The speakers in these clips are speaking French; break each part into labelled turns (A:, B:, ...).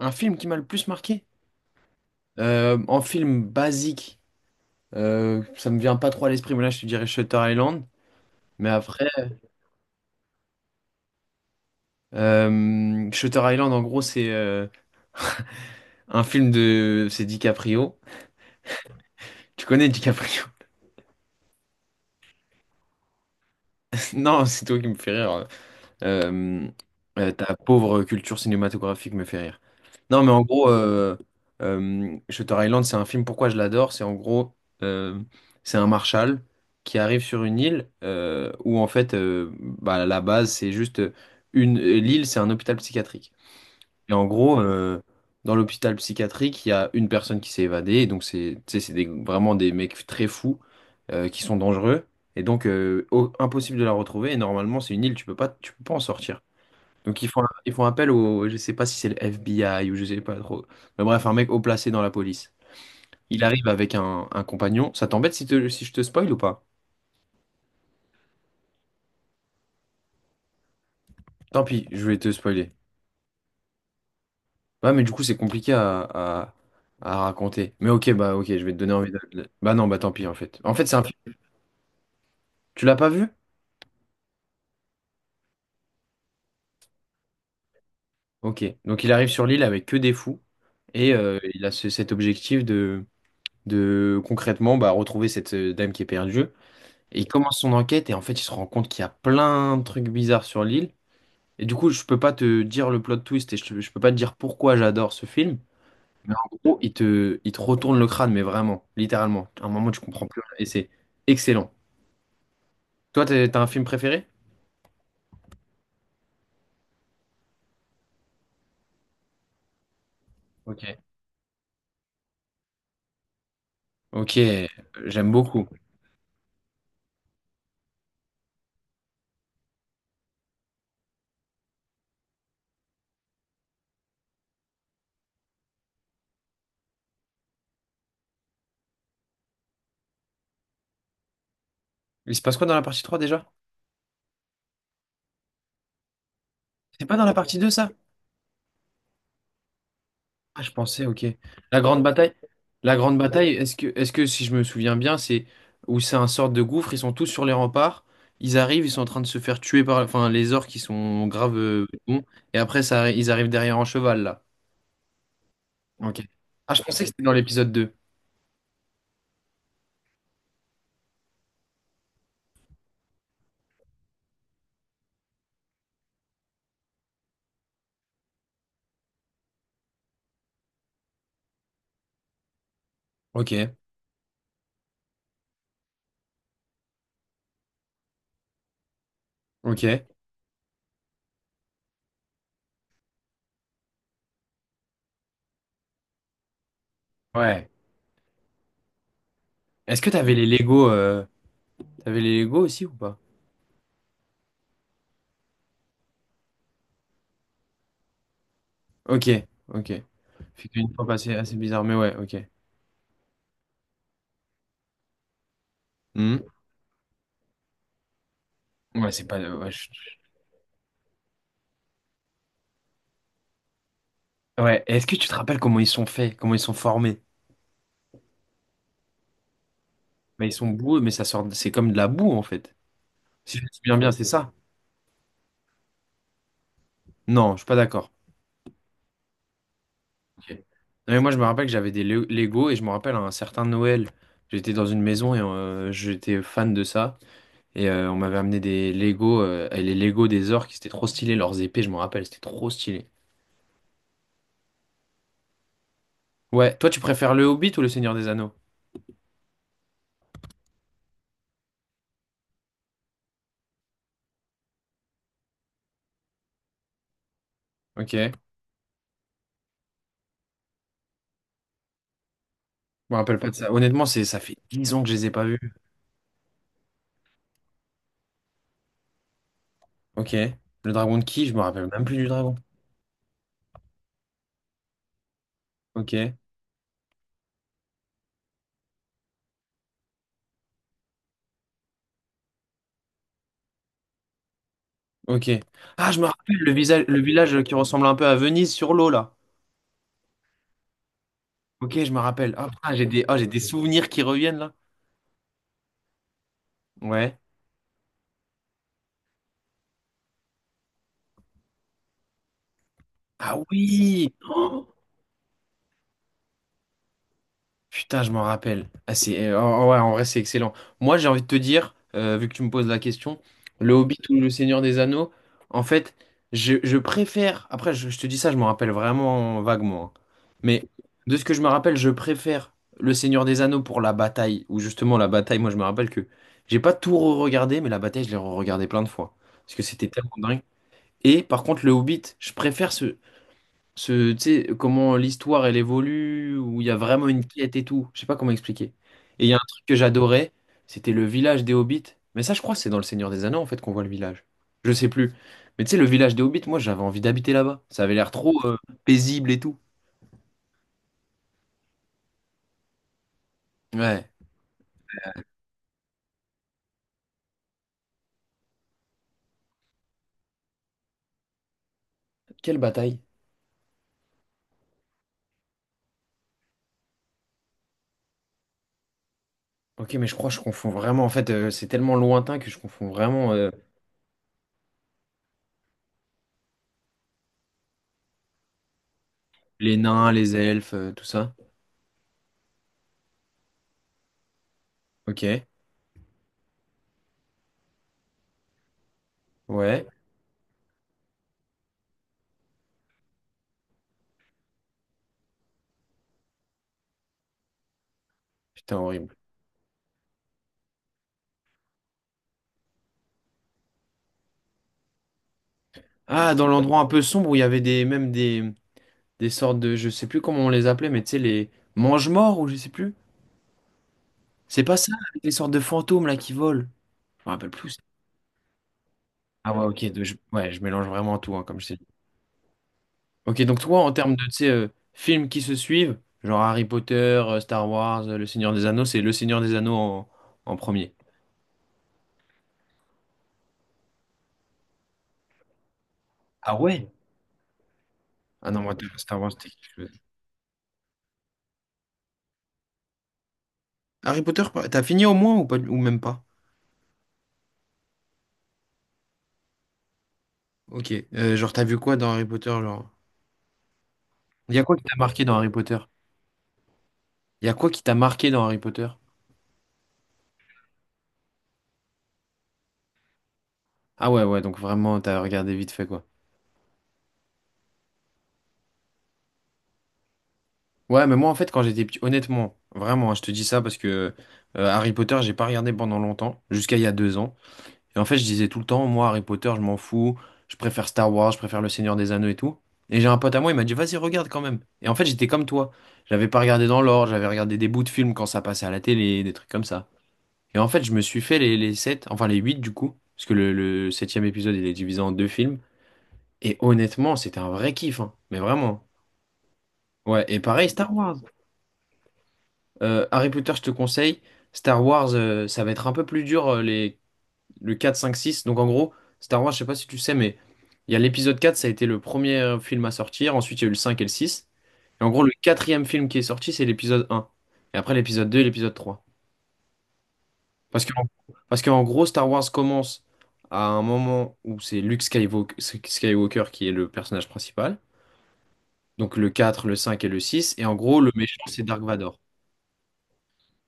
A: Un film qui m'a le plus marqué? En film basique, ça me vient pas trop à l'esprit, mais là je te dirais Shutter Island. Mais après, Shutter Island, en gros, c'est C'est DiCaprio. Tu connais DiCaprio? Non, c'est toi qui me fais rire. Euh, ta pauvre culture cinématographique me fait rire. Non, mais en gros, Shutter Island, c'est un film, pourquoi je l'adore? C'est en gros, euh, c'est un marshal qui arrive sur une île où en fait, bah, la base, c'est L'île, c'est un hôpital psychiatrique. Et en gros, dans l'hôpital psychiatrique, il y a une personne qui s'est évadée. Et donc, c'est, tu sais, c'est vraiment des mecs très fous qui sont dangereux. Et donc, impossible de la retrouver. Et normalement, c'est une île, tu peux pas en sortir. Donc ils font appel au, je sais pas si c'est le FBI ou je sais pas trop. Mais bref, un mec haut placé dans la police. Il arrive avec un compagnon. Ça t'embête si je te spoil ou pas? Tant pis, je vais te spoiler. Ouais, mais du coup, c'est compliqué à raconter. Mais ok, bah ok, je vais te donner. Bah non, bah tant pis en fait. En fait, c'est un film. Tu l'as pas vu? Ok. Donc il arrive sur l'île avec que des fous. Et il a cet objectif de concrètement bah, retrouver cette dame qui est perdue. Et il commence son enquête et en fait, il se rend compte qu'il y a plein de trucs bizarres sur l'île. Et du coup, je peux pas te dire le plot twist et je peux pas te dire pourquoi j'adore ce film. Mais en gros, il te retourne le crâne, mais vraiment, littéralement. À un moment, tu comprends plus rien et c'est excellent. Toi, t'as un film préféré? Ok. Ok, j'aime beaucoup. Il se passe quoi dans la partie 3 déjà? C'est pas dans la partie 2 ça? Ah, je pensais, ok. La grande bataille, la grande bataille, est-ce que si je me souviens bien, c'est où c'est un sorte de gouffre, ils sont tous sur les remparts, ils arrivent, ils sont en train de se faire tuer par, enfin, les orques qui sont graves bons, et après, ils arrivent derrière en cheval, là. Ok. Ah, je pensais que c'était dans l'épisode deux. Ok, ok. Ouais. Est-ce que t'avais les Lego aussi ou pas? Ok, ok. Fait qu'une fois passé, assez bizarre, mais ouais, ok. Hmm. Ouais, c'est pas, ouais, ouais. Est-ce que tu te rappelles comment ils sont faits, comment ils sont formés? Mais ils sont boueux, mais ça sort, c'est comme de la boue en fait. Si je me souviens bien, c'est ça? Non, je suis pas d'accord. Ok. Non, mais moi je me rappelle que j'avais des Lego et je me rappelle un certain Noël. J'étais dans une maison et j'étais fan de ça. Et on m'avait amené des Lego et les Lego des orques, c'était trop stylé. Leurs épées, je me rappelle, c'était trop stylé. Ouais, toi tu préfères le Hobbit ou le Seigneur des Anneaux? Ok. Je me rappelle pas de ça. Honnêtement, c'est ça fait 10 ans que je les ai pas vus. Ok. Le dragon de qui? Je me rappelle même plus du dragon. Ok. Ok. Ah, je me rappelle le visage, le village qui ressemble un peu à Venise sur l'eau là. Ok, je me rappelle. Ah, putain, j'ai des souvenirs qui reviennent là. Ouais. Ah oui. Oh, putain, je m'en rappelle. Ah, c'est, ouais, en vrai, c'est excellent. Moi, j'ai envie de te dire, vu que tu me poses la question, Le Hobbit ou Le Seigneur des Anneaux, en fait, je préfère. Après, je te dis ça, je m'en rappelle vraiment vaguement, hein. Mais de ce que je me rappelle, je préfère Le Seigneur des Anneaux pour la bataille. Ou justement, la bataille, moi, je me rappelle que j'ai pas tout re-regardé, mais la bataille, je l'ai re-regardée plein de fois. Parce que c'était tellement dingue. Et par contre, Le Hobbit, je préfère ce, tu sais, comment l'histoire elle évolue, où il y a vraiment une quête et tout. Je sais pas comment expliquer. Et il y a un truc que j'adorais, c'était le village des Hobbits. Mais ça, je crois que c'est dans Le Seigneur des Anneaux en fait qu'on voit le village. Je sais plus. Mais tu sais, le village des Hobbits, moi j'avais envie d'habiter là-bas. Ça avait l'air trop paisible et tout. Ouais. Quelle bataille. Ok, mais je crois que je confonds vraiment. En fait, c'est tellement lointain que je confonds vraiment les nains, les elfes, tout ça. Ok. Ouais. Putain, horrible. Ah, dans l'endroit un peu sombre où il y avait des, même des sortes de, je sais plus comment on les appelait, mais tu sais, les mange-morts ou je sais plus. C'est pas ça, avec les sortes de fantômes là qui volent. Je me rappelle plus. Ah ouais, ok, ouais, je mélange vraiment tout, hein, comme je t'ai dit. Ok, donc toi, en termes de, tu sais, films qui se suivent, genre Harry Potter, Star Wars, Le Seigneur des Anneaux, c'est Le Seigneur des Anneaux en premier. Ah ouais? Ah non, moi, Star Wars, c'était quelque chose. Harry Potter, t'as fini au moins ou pas, ou même pas? Ok, genre, t'as vu quoi dans Harry Potter, genre? Il y a quoi qui t'a marqué dans Harry Potter? Il y a quoi qui t'a marqué dans Harry Potter? Ah ouais, ouais, donc vraiment, t'as regardé vite fait, quoi. Ouais, mais moi, en fait, quand j'étais petit, honnêtement, vraiment, hein, je te dis ça parce que Harry Potter, j'ai pas regardé pendant longtemps, jusqu'à il y a 2 ans. Et en fait, je disais tout le temps, moi, Harry Potter, je m'en fous, je préfère Star Wars, je préfère Le Seigneur des Anneaux et tout. Et j'ai un pote à moi, il m'a dit, vas-y, regarde quand même. Et en fait, j'étais comme toi. J'avais pas regardé dans l'ordre, j'avais regardé des bouts de films quand ça passait à la télé, des trucs comme ça. Et en fait, je me suis fait les sept, enfin les huit du coup, parce que le septième épisode, il est divisé en deux films. Et honnêtement, c'était un vrai kiff, hein, mais vraiment. Ouais, et pareil, Star Wars. Harry Potter, je te conseille. Star Wars, ça va être un peu plus dur, le quatre, cinq, six. Donc en gros, Star Wars, je sais pas si tu sais, mais il y a l'épisode quatre, ça a été le premier film à sortir. Ensuite, il y a eu le 5 et le six. Et en gros, le quatrième film qui est sorti, c'est l'épisode un. Et après, l'épisode 2 et l'épisode trois. Parce que, parce qu'en gros, Star Wars commence à un moment où c'est Luke Skywalker qui est le personnage principal. Donc le quatre, le 5 et le six. Et en gros, le méchant, c'est Dark Vador.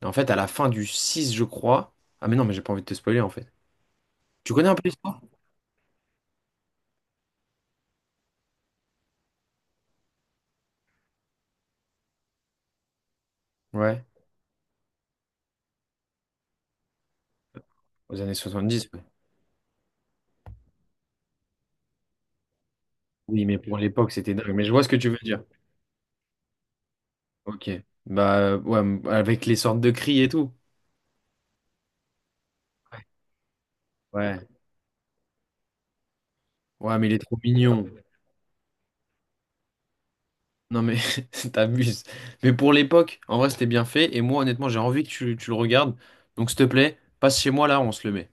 A: Et en fait, à la fin du 6, je crois. Ah, mais non, mais j'ai pas envie de te spoiler, en fait. Tu connais un peu? Ouais, aux années 70, ouais. Oui, mais pour l'époque, c'était dingue. Mais je vois ce que tu veux dire. Ok. Bah, ouais, avec les sortes de cris et tout. Ouais. Ouais, mais il est trop mignon. Non, mais t'abuses. Mais pour l'époque, en vrai, c'était bien fait. Et moi, honnêtement, j'ai envie que tu le regardes. Donc, s'il te plaît, passe chez moi là, on se le met.